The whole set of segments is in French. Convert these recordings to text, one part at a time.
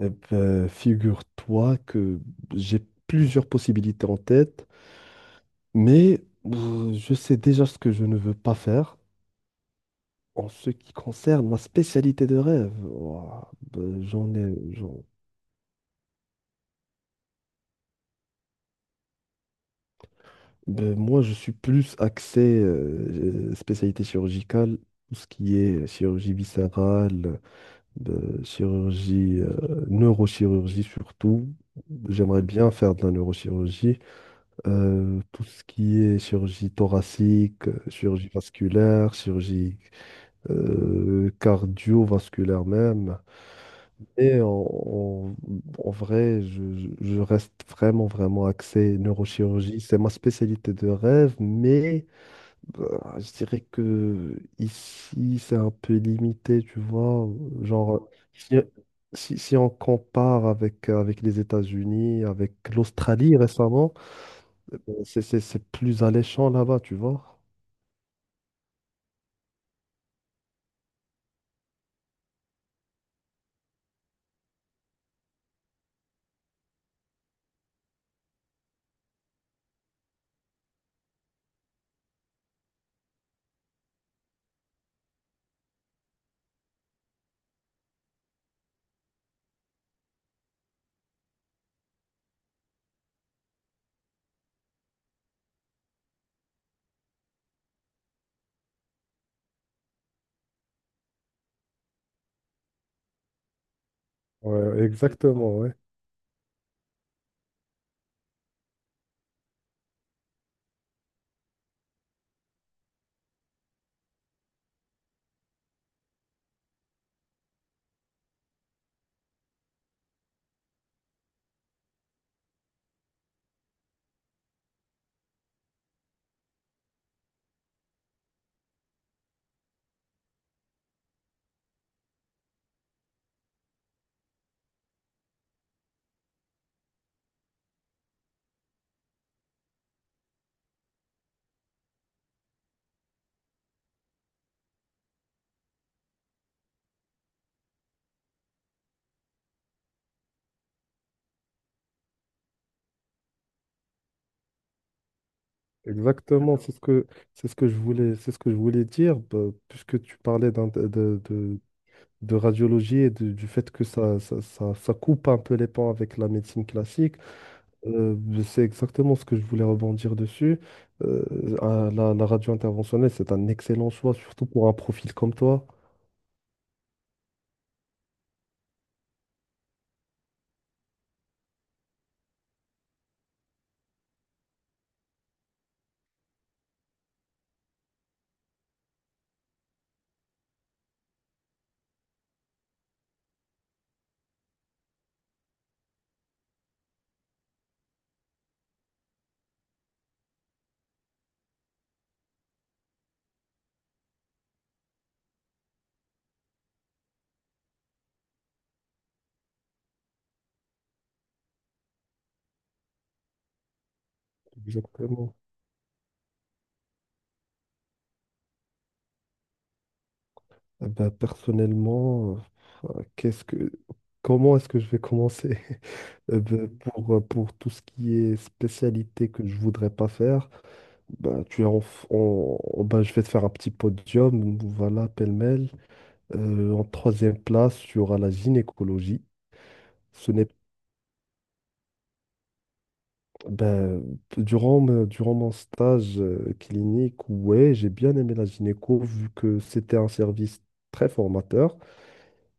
Eh ben, figure-toi que j'ai plusieurs possibilités en tête, mais je sais déjà ce que je ne veux pas faire en ce qui concerne ma spécialité de rêve. Ouah, ben, ben, moi, je suis plus axé spécialité chirurgicale, tout ce qui est chirurgie viscérale, ben, chirurgie, neurochirurgie surtout. J'aimerais bien faire de la neurochirurgie. Tout ce qui est chirurgie thoracique, chirurgie vasculaire, chirurgie cardiovasculaire même. Et en, en- En vrai, je reste vraiment, vraiment axé neurochirurgie. C'est ma spécialité de rêve, mais bah, je dirais que ici, c'est un peu limité, tu vois. Genre, si, si on compare avec, avec les États-Unis, avec l'Australie récemment, c'est plus alléchant là-bas, tu vois. Ouais. Exactement, c'est ce que je voulais dire bah, puisque tu parlais de radiologie du fait que ça coupe un peu les pans avec la médecine classique. euh, c'est exactement ce que je voulais rebondir dessus. Euh, la radio interventionnelle, c'est un excellent choix, surtout pour un profil comme toi. Exactement. Eh ben, personnellement, qu'est-ce que comment est-ce que je vais commencer? Ben, pour tout ce qui est spécialité que je voudrais pas faire, ben, tu es en, f- en- en- ben, je vais te faire un petit podium, voilà, pêle-mêle. En troisième place, tu auras la gynécologie. Ce n'est ben, durant mon stage clinique, ouais, j'ai bien aimé la gynéco vu que c'était un service très formateur,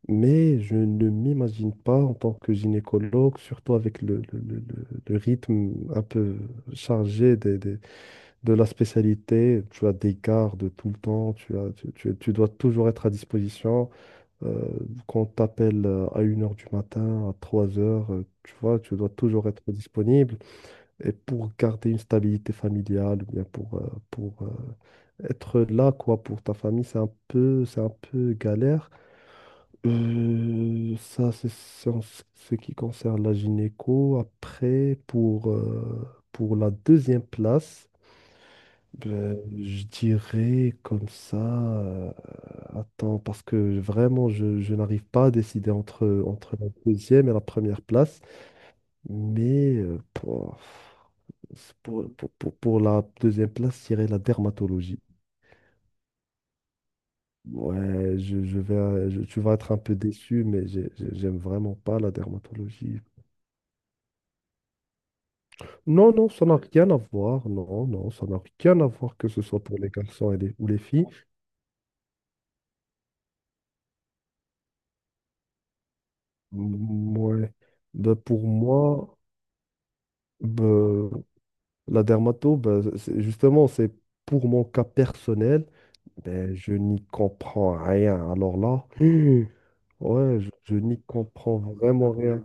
mais je ne m'imagine pas en tant que gynécologue, surtout avec le rythme un peu chargé de la spécialité, tu as des gardes tout le temps, tu as, tu- tu dois toujours être à disposition. Euh, quand on t'appelle à 1 heure du matin, à 3h, tu vois, tu dois toujours être disponible. Et pour garder une stabilité familiale, ou bien pour être là, quoi, pour ta famille, c'est un peu galère. Ça, c'est en ce qui concerne la gynéco. Après, pour la deuxième place, ben, je dirais comme ça. Attends, parce que vraiment, je n'arrive pas à décider entre, entre la deuxième et la première place. Mais pour la deuxième place, je dirais la dermatologie. Ouais, tu vas être un peu déçu, mais j'aime vraiment pas la dermatologie. Non, non, ça n'a rien à voir. Non, non, ça n'a rien à voir que ce soit pour les garçons ou les filles. Ouais. Ben, pour moi. Ben, la dermato, ben, justement, c'est pour mon cas personnel, ben, je n'y comprends rien. Alors là, ouais, je n'y comprends vraiment rien.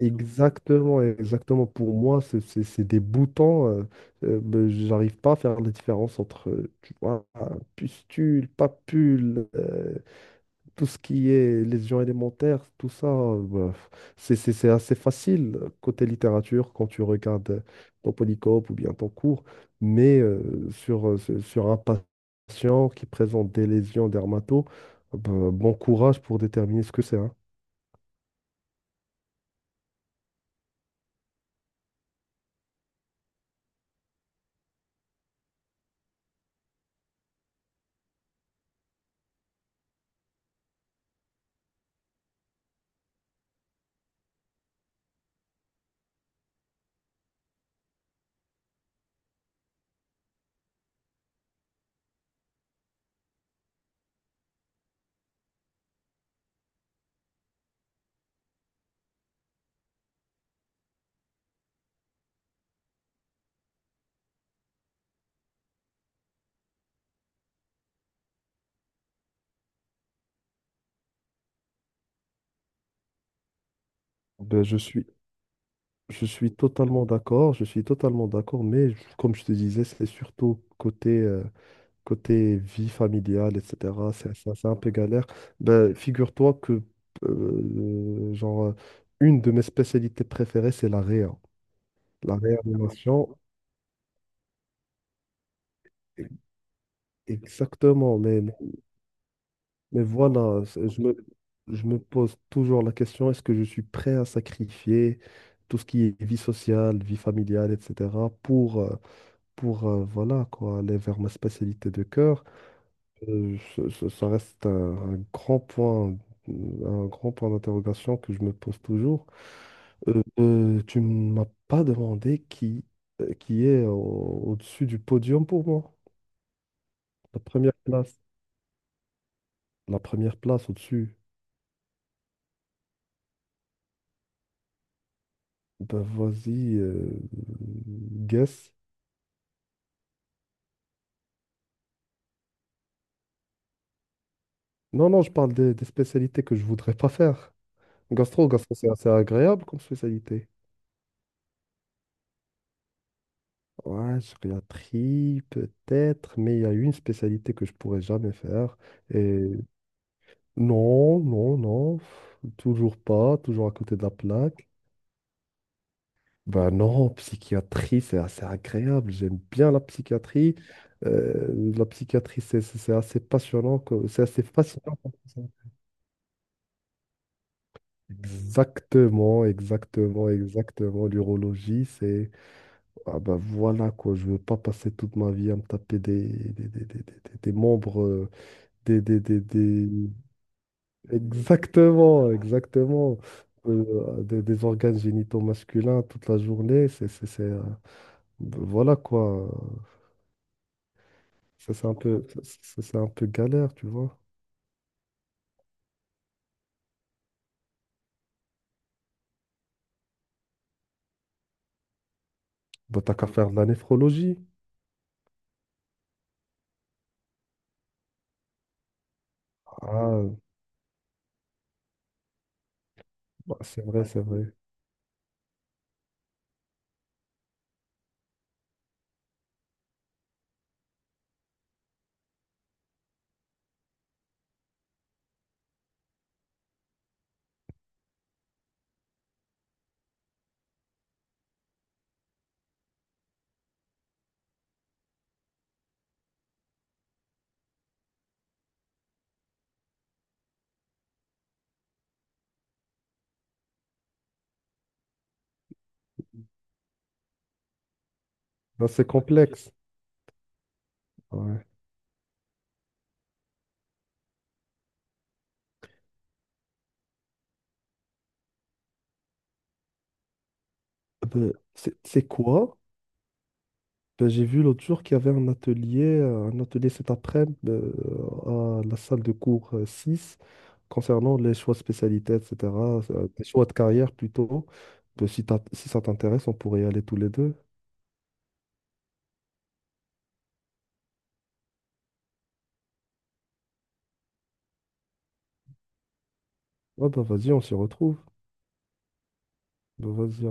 Exactement, exactement. Pour moi, c'est des boutons. Ben, j'arrive pas à faire la différence entre, tu vois, un pustule, papule. Tout ce qui est lésions élémentaires, tout ça, bah, c'est assez facile côté littérature quand tu regardes ton polycope ou bien ton cours, mais sur un patient qui présente des lésions dermato, bah, bon courage pour déterminer ce que c'est, hein. Ben, je suis totalement d'accord, je suis totalement d'accord, comme je te disais, c'est surtout côté vie familiale, etc., c'est un peu galère. Ben, euh, genre, euh, une de mes spécialités préférées, c'est la réa. La réanimation, e- exactement. Mais voilà, je me pose toujours la question, est-ce que je suis prêt à sacrifier tout ce qui est vie sociale, vie familiale, etc., pour, euh, pour voilà, quoi, aller vers ma spécialité de cœur? Ça reste un grand point, un grand point d'interrogation que je me pose toujours. Tu ne m'as pas demandé qui est au, dessus du podium pour moi. La première place. La première place au-dessus. Ben vas-y, guess. Non, non, je parle des spécialités que je voudrais pas faire. Gastro, gastro, c'est assez agréable comme spécialité. Ouais, gériatrie, peut-être, mais il y a une spécialité que je pourrais jamais faire. Et non, non, non, toujours pas, toujours à côté de la plaque. Ben non, psychiatrie, c'est assez agréable, j'aime bien la psychiatrie. La psychiatrie, c'est assez passionnant, c'est assez fascinant comme ça. Exactement, exactement, exactement. L'urologie, c'est, ah ben voilà quoi, je veux pas passer toute ma vie à me taper des membres, des, des, des, exactement, exactement. Des organes génitaux masculins toute la journée, voilà quoi. Ça, c'est un peu, ça, c'est un peu galère, tu vois. Bah, t'as qu'à faire de la néphrologie. Ah, bah, c'est vrai, c'est vrai. Non, c'est complexe. Ouais. Ben, c'est quoi? Ben, j'ai vu l'autre jour qu'il y avait un atelier cet après-midi à la salle de cours 6 concernant les choix de spécialité, etc. Les choix de carrière plutôt. Ben, si ça t'intéresse, on pourrait y aller tous les deux. Ouais, ben, vas-y, on s'y retrouve. Ben, vas-y.